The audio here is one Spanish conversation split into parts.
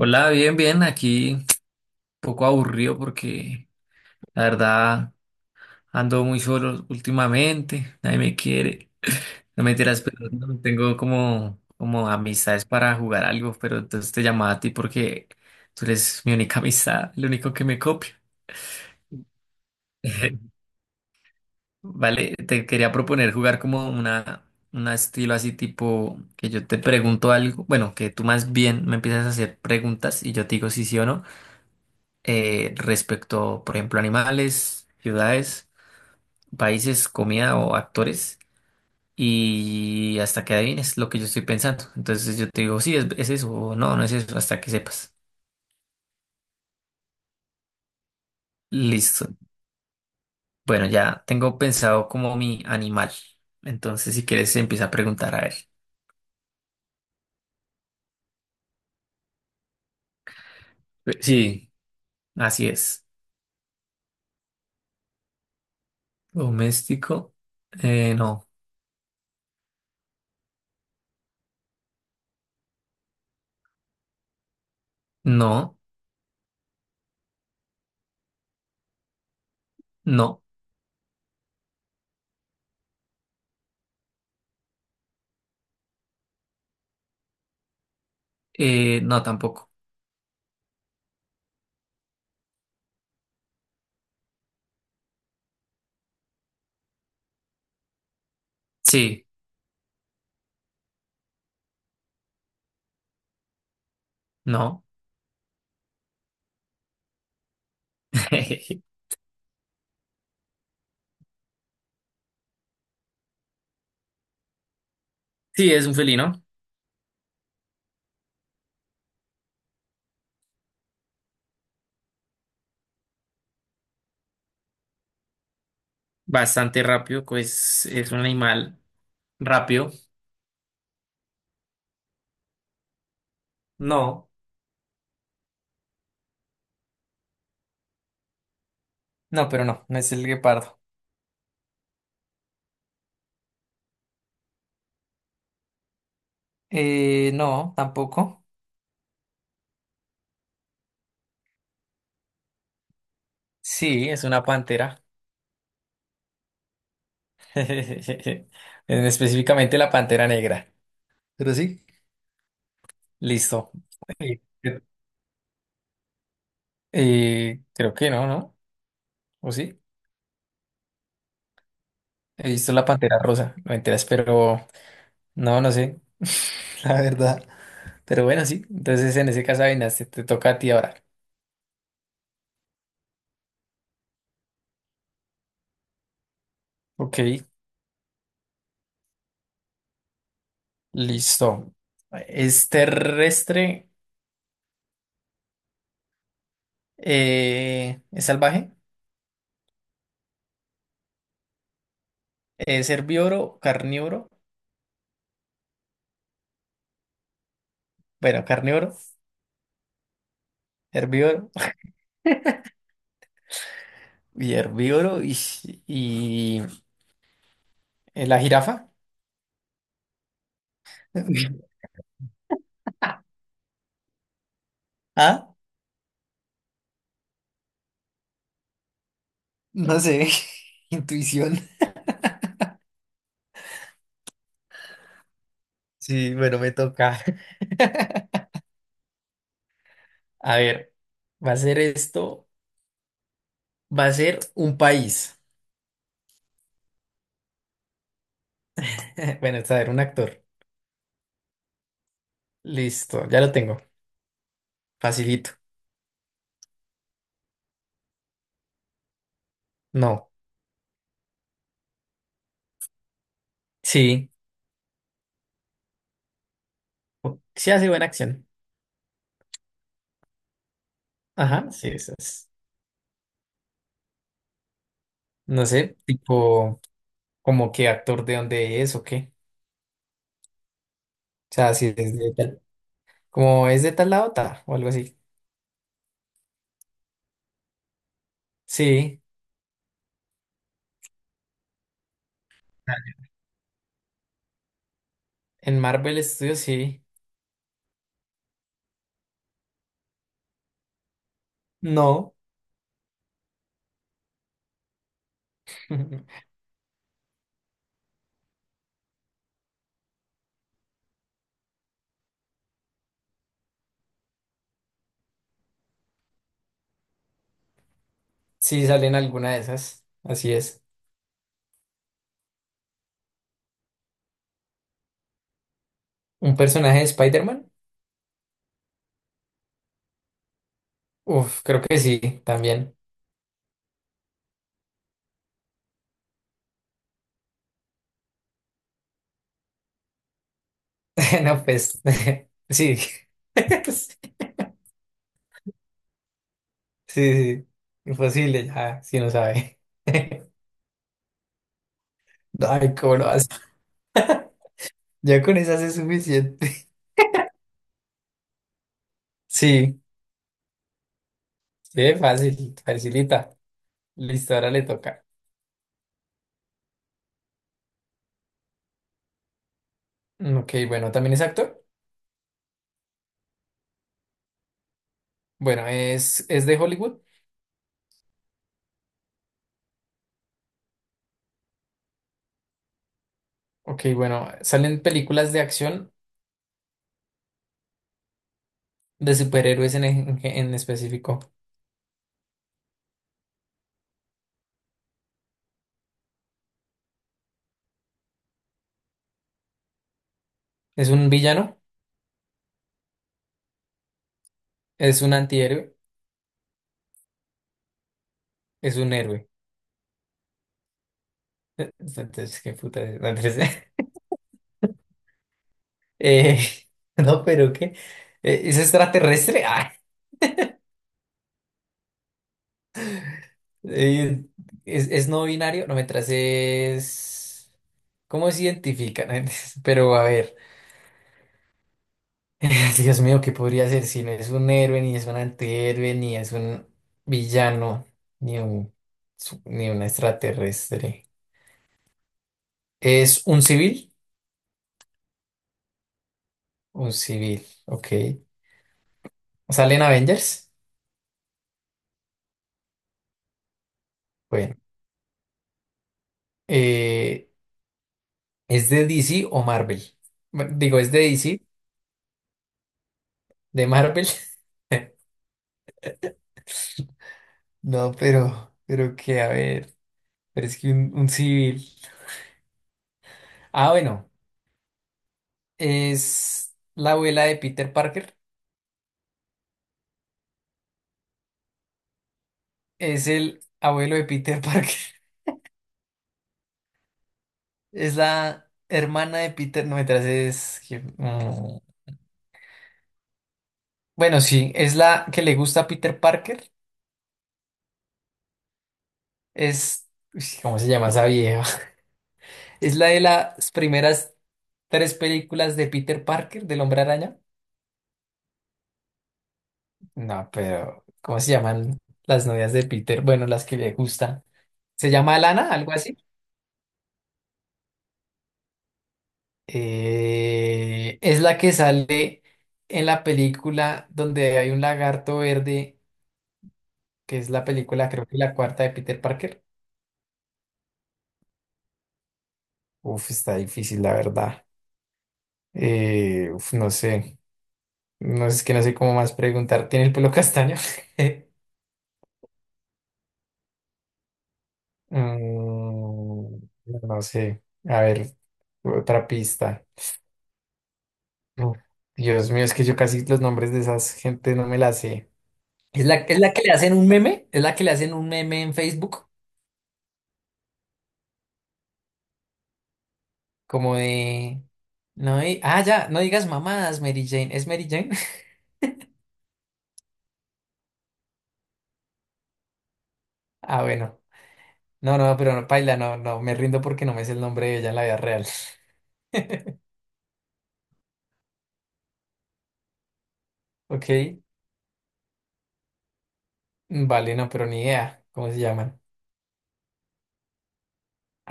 Hola, bien, bien, aquí un poco aburrido porque la verdad ando muy solo últimamente, nadie me quiere, no me tiras, pero no tengo como, como amistades para jugar algo, pero entonces te llamaba a ti porque tú eres mi única amistad, el único que me copia. Vale, te quería proponer jugar como una, un estilo así tipo que yo te pregunto algo, bueno, que tú más bien me empiezas a hacer preguntas y yo te digo si sí o no. Respecto, por ejemplo, animales, ciudades, países, comida o actores. Y hasta que adivines lo que yo estoy pensando. Entonces yo te digo, sí, es eso, o no, no es eso, hasta que sepas. Listo. Bueno, ya tengo pensado como mi animal. Entonces, si quieres, empieza a preguntar a él. Sí, así es. Doméstico. No, no, no, no tampoco. Sí, no. Sí, es un felino. Bastante rápido, pues es un animal rápido. No, no, pero no, no es el guepardo. No, tampoco. Sí, es una pantera. En- Específicamente la pantera negra. Pero sí. Listo. Eh, Creo que no, ¿no? ¿O sí? He visto la pantera rosa, no me enteras, pero no, no sé. La verdad. Pero bueno, sí. Entonces en ese caso, Avinas, te toca a ti ahora. Ok. Listo. ¿Es terrestre? ¿Es salvaje? ¿Es herbívoro? ¿Carnívoro? Bueno, carnívoro, herbívoro y herbívoro y la jirafa. Ah, no sé. Intuición. Sí, bueno, me toca. A ver, va a ser esto, va a ser un país. Bueno, está a ver, un actor. Listo, ya lo tengo. Facilito. No. Sí. Sí hace buena acción. Ajá, sí, eso es. No sé, tipo, como qué actor de dónde es o qué. O sea, si es de tal. Como es de tal lado, ta, o algo así. Sí, en Marvel Studios sí. No. Sí, salen alguna de esas. Así es. ¿Un personaje de Spider-Man? Uf, creo que sí, también. No, pues. Sí. Sí, sí. Imposible, ya, si no sabe. Ay, ¿cómo lo hace? Ya con esas es suficiente. Sí. Sí, fácil, facilita. Listo, ahora le toca. Mm, ok, bueno, ¿también es actor? Bueno, es de Hollywood. Ok, bueno, salen películas de acción de superhéroes en específico. ¿Es un villano? ¿Es un antihéroe? ¿Es un héroe? Entonces, qué puta. ¿Es? No, entonces, eh, no, pero ¿qué? ¿Es extraterrestre? Ah, eh, ¿es no binario? No, mientras es... ¿Cómo se identifican? Pero a ver. Dios mío, ¿qué podría ser si no es un héroe, ni es un antihéroe, ni es un villano, ni un, su- ni un extraterrestre? ¿Es un civil? Un civil, ok. ¿Sale en Avengers? Bueno, eh, ¿es de DC o Marvel? Bueno, digo, ¿es de DC? ¿De Marvel? No, pero que, a ver, pero es que un civil. Ah, bueno, es la abuela de Peter Parker. Es el abuelo de Peter Parker. Es la hermana de Peter, no me es... que, mm, bueno, sí, es la que le gusta a Peter Parker. Es... uy, sí, ¿cómo se llama esa vieja? Es la de las primeras tres películas de Peter Parker, del Hombre Araña. No, pero ¿cómo se llaman las novias de Peter? Bueno, las que le gustan. ¿Se llama Lana? Algo así. Es la que sale en la película donde hay un lagarto verde, que es la película, creo que la cuarta de Peter Parker. Uf, está difícil, la verdad. Uf, no sé. No es que no sé cómo más preguntar. ¿Tiene el pelo castaño? Mm, no sé. A ver, otra pista. Uf, Dios mío, es que yo casi los nombres de esas gente no me las sé. ¿Es la que le hacen un meme? ¿Es la que le hacen un meme en Facebook? Como de. No, di- ah, ya, no digas mamadas, Mary Jane. ¿Es Mary Jane? Ah, bueno. No, no, pero no, paila, no, no, me rindo porque no me sé el nombre de ella en la vida real. Ok, mm, vale, no, pero ni idea. ¿Cómo se llaman?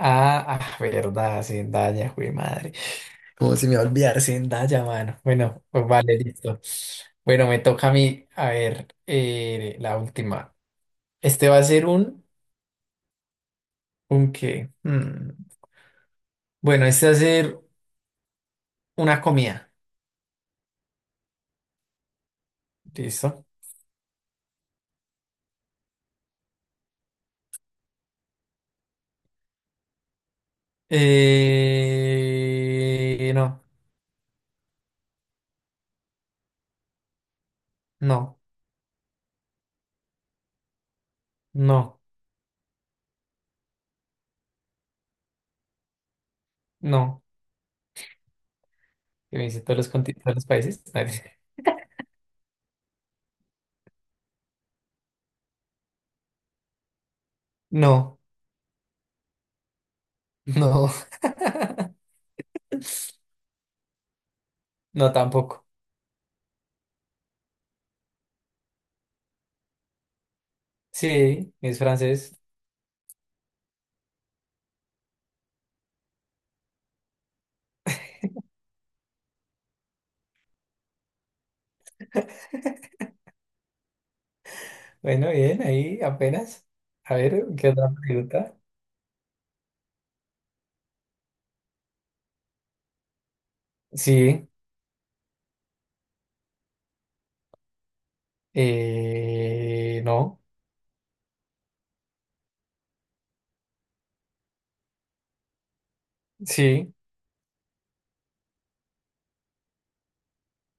Ah, ah, verdad, Zendaya, güey, madre. ¿Cómo se me va a olvidar Zendaya, mano? Bueno, pues vale, listo. Bueno, me toca a mí, a ver, la última. Este va a ser un qué. Mm, bueno, este va a ser una comida. Listo. No, no, no, no. Que me dice todos los, conti- todos los países. No, no, no tampoco. Sí, es francés. Bueno, bien, ahí apenas. A ver, ¿qué otra pregunta? Sí, no, sí,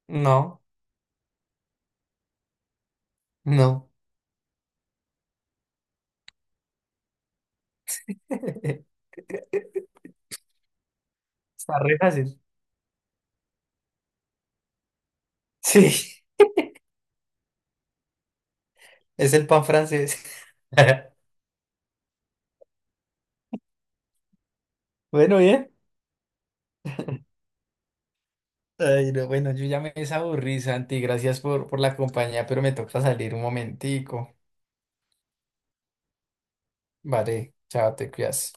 no, no. Está re fácil. Sí, es el pan francés. Bueno, bien. Ay, no, bueno, yo ya me desaburrí, Santi. Gracias por la compañía, pero me toca salir un momentico. Vale, chao, te cuidas.